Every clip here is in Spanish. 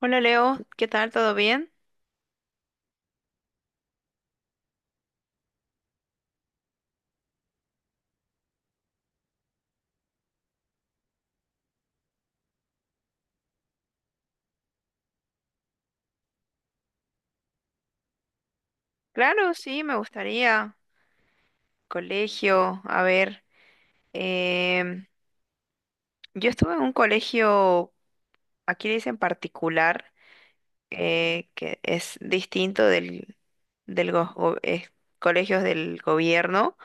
Hola Leo, ¿qué tal? ¿Todo bien? Claro, sí, me gustaría. Colegio, a ver, em, yo estuve en un colegio, aquí le dicen particular, que es distinto del colegios del gobierno.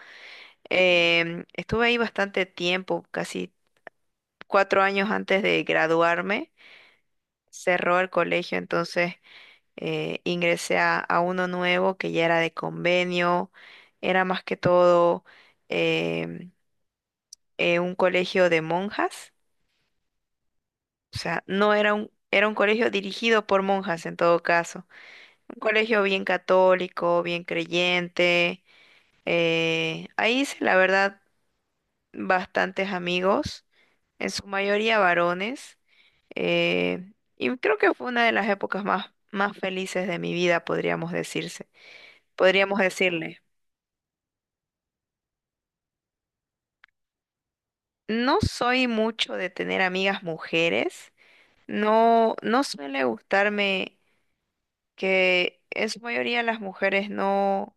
Estuve ahí bastante tiempo, casi cuatro años antes de graduarme, cerró el colegio, entonces ingresé a uno nuevo que ya era de convenio, era más que todo em, un colegio de monjas. O sea, no era un, era un colegio dirigido por monjas en todo caso, un colegio bien católico, bien creyente. Ahí hice la verdad bastantes amigos, en su mayoría varones, eh, y creo que fue una de las épocas más, más felices de mi vida, podríamos decirse, podríamos decirle. No soy mucho de tener amigas mujeres. No, no suele gustarme que en su mayoría las mujeres no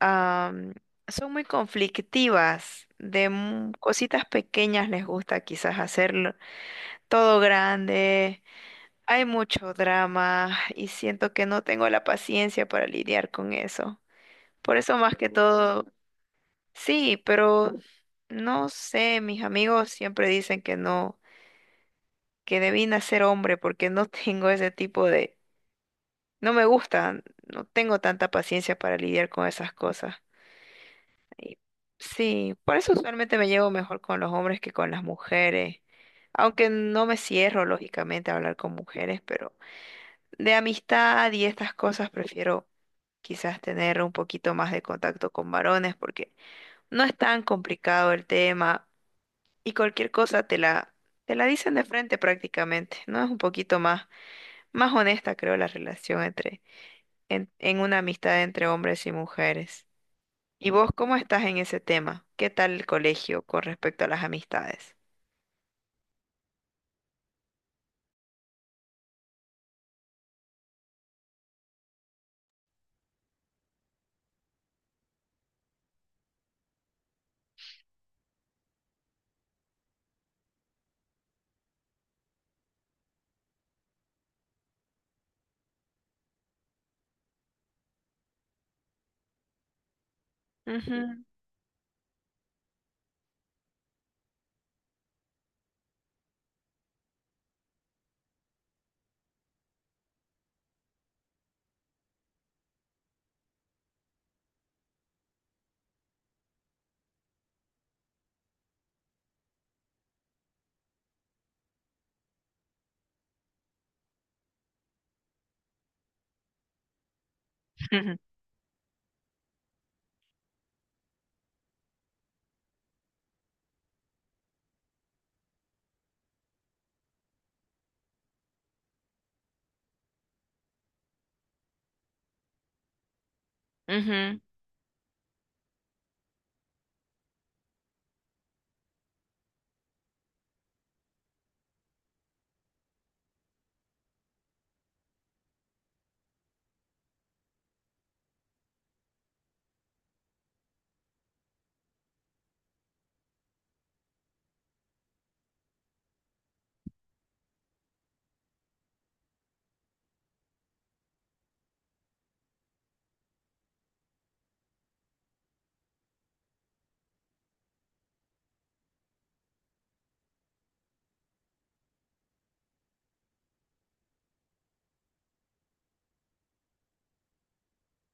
am, son muy conflictivas. De cositas pequeñas les gusta quizás hacerlo todo grande. Hay mucho drama y siento que no tengo la paciencia para lidiar con eso. Por eso más que todo, sí, pero no sé, mis amigos siempre dicen que no, que debí nacer hombre porque no tengo ese tipo de. No me gusta, no tengo tanta paciencia para lidiar con esas cosas. Y sí, por eso usualmente me llevo mejor con los hombres que con las mujeres. Aunque no me cierro, lógicamente, a hablar con mujeres, pero de amistad y estas cosas prefiero quizás tener un poquito más de contacto con varones porque no es tan complicado el tema y cualquier cosa te la dicen de frente prácticamente, ¿no? Es un poquito más honesta creo la relación en una amistad entre hombres y mujeres. ¿Y vos cómo estás en ese tema? ¿Qué tal el colegio con respecto a las amistades? Ujú. Ujú. Ujú.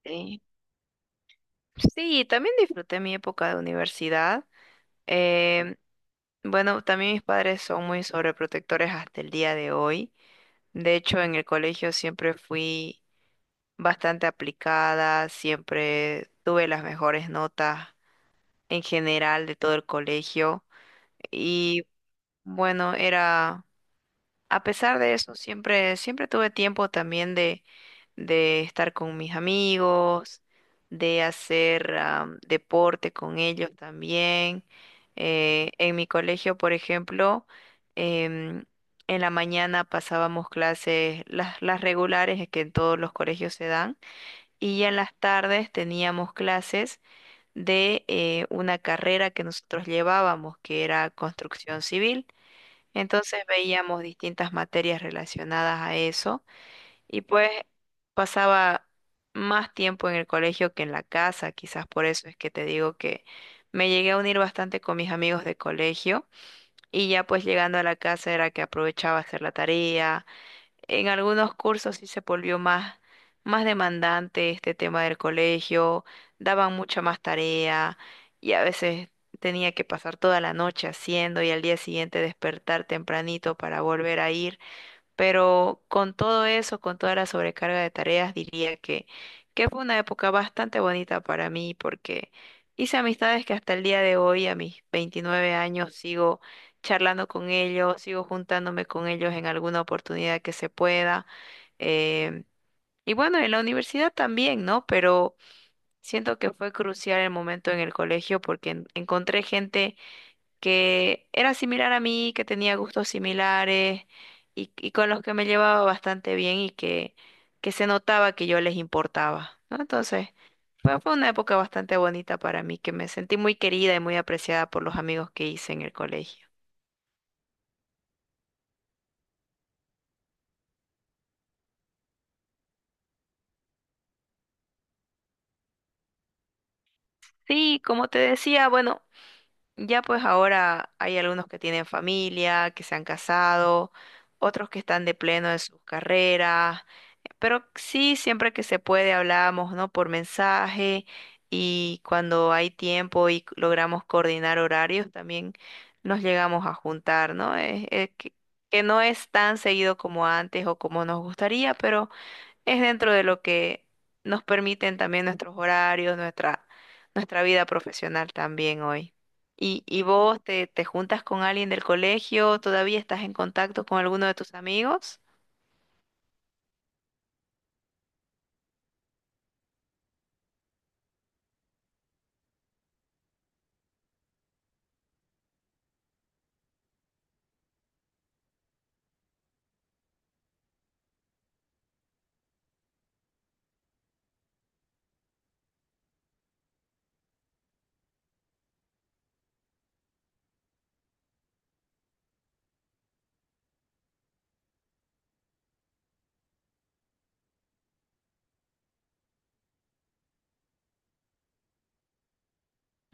Sí. Sí, también disfruté mi época de universidad. Eh, bueno, también mis padres son muy sobreprotectores hasta el día de hoy. De hecho, en el colegio siempre fui bastante aplicada, siempre tuve las mejores notas en general de todo el colegio. Y bueno, era, a pesar de eso, siempre tuve tiempo también de estar con mis amigos, de hacer deporte con ellos también. En mi colegio, por ejemplo, em, en la mañana pasábamos clases, las regulares que en todos los colegios se dan, y ya en las tardes teníamos clases de una carrera que nosotros llevábamos, que era construcción civil. Entonces veíamos distintas materias relacionadas a eso y pues pasaba más tiempo en el colegio que en la casa, quizás por eso es que te digo que me llegué a unir bastante con mis amigos de colegio, y ya pues llegando a la casa era que aprovechaba a hacer la tarea. En algunos cursos sí se volvió más, más demandante este tema del colegio, daban mucha más tarea y a veces tenía que pasar toda la noche haciendo y al día siguiente despertar tempranito para volver a ir. Pero con todo eso, con toda la sobrecarga de tareas, diría que fue una época bastante bonita para mí porque hice amistades que hasta el día de hoy, a mis 29 años, sigo charlando con ellos, sigo juntándome con ellos en alguna oportunidad que se pueda. em, y bueno, en la universidad también, ¿no? Pero siento que fue crucial el momento en el colegio porque encontré gente que era similar a mí, que tenía gustos similares, y con los que me llevaba bastante bien y que se notaba que yo les importaba, ¿no? Entonces, fue una época bastante bonita para mí, que me sentí muy querida y muy apreciada por los amigos que hice en el colegio. Sí, como te decía, bueno, ya pues ahora hay algunos que tienen familia, que se han casado, otros que están de pleno en sus carreras. Pero sí, siempre que se puede hablamos, ¿no? Por mensaje, y cuando hay tiempo y logramos coordinar horarios, también nos llegamos a juntar, ¿no? Es que no es tan seguido como antes o como nos gustaría, pero es dentro de lo que nos permiten también nuestros horarios, nuestra vida profesional también hoy. ¿Y vos te juntas con alguien del colegio? ¿Todavía estás en contacto con alguno de tus amigos?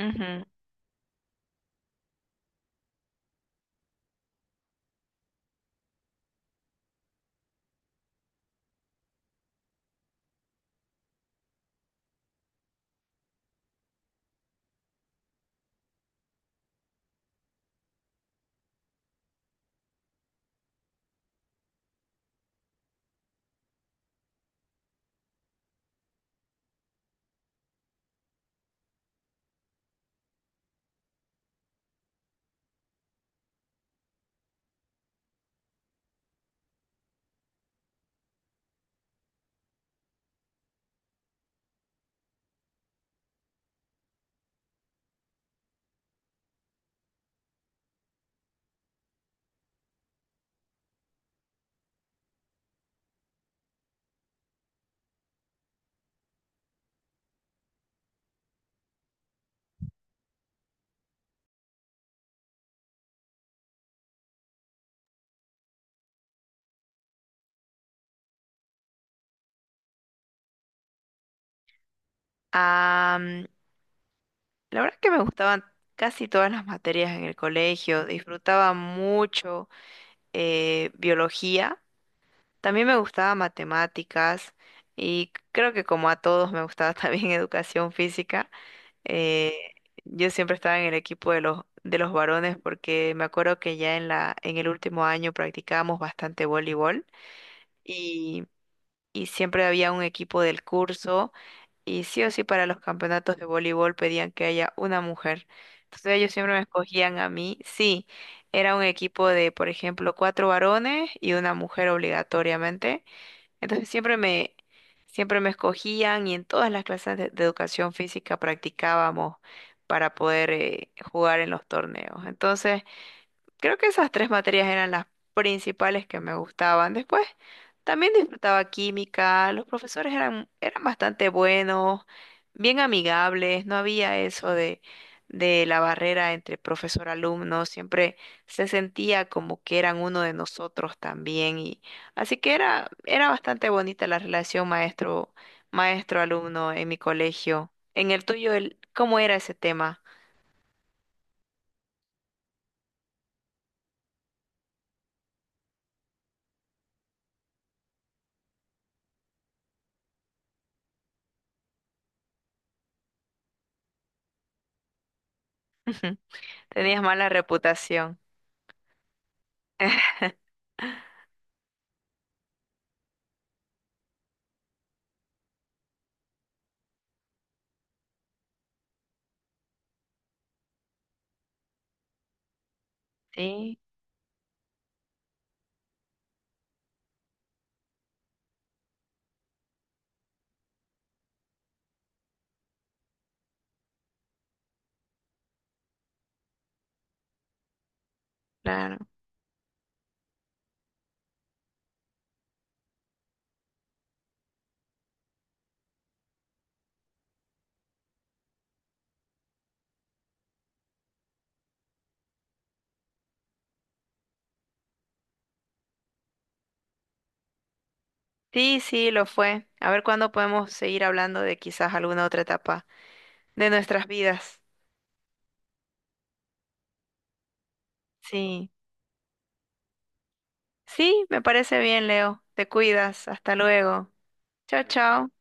Ujú. La verdad es que me gustaban casi todas las materias en el colegio, disfrutaba mucho biología, también me gustaba matemáticas y creo que como a todos me gustaba también educación física. Eh, yo siempre estaba en el equipo de los varones porque me acuerdo que ya en en el último año practicábamos bastante voleibol, y, y siempre había un equipo del curso y sí o sí para los campeonatos de voleibol pedían que haya una mujer. Entonces ellos siempre me escogían a mí. Sí, era un equipo de, por ejemplo, cuatro varones y una mujer obligatoriamente. Entonces siempre me escogían, y en todas las clases de educación física practicábamos para poder jugar en los torneos. Entonces. Creo que esas tres materias eran las principales que me gustaban. Después también disfrutaba química, los profesores eran, eran bastante buenos, bien amigables, no había eso de la barrera entre profesor-alumno, siempre se sentía como que eran uno de nosotros también. Así que era, era bastante bonita la relación maestro, maestro-alumno en mi colegio. En el tuyo, ¿cómo era ese tema? Tenías mala reputación. Sí, claro. Sí, sí, lo fue. A ver cuándo podemos seguir hablando de quizás alguna otra etapa de nuestras vidas. Sí, sí, me parece bien, Leo. Te cuidas. Hasta luego. Chao, chao.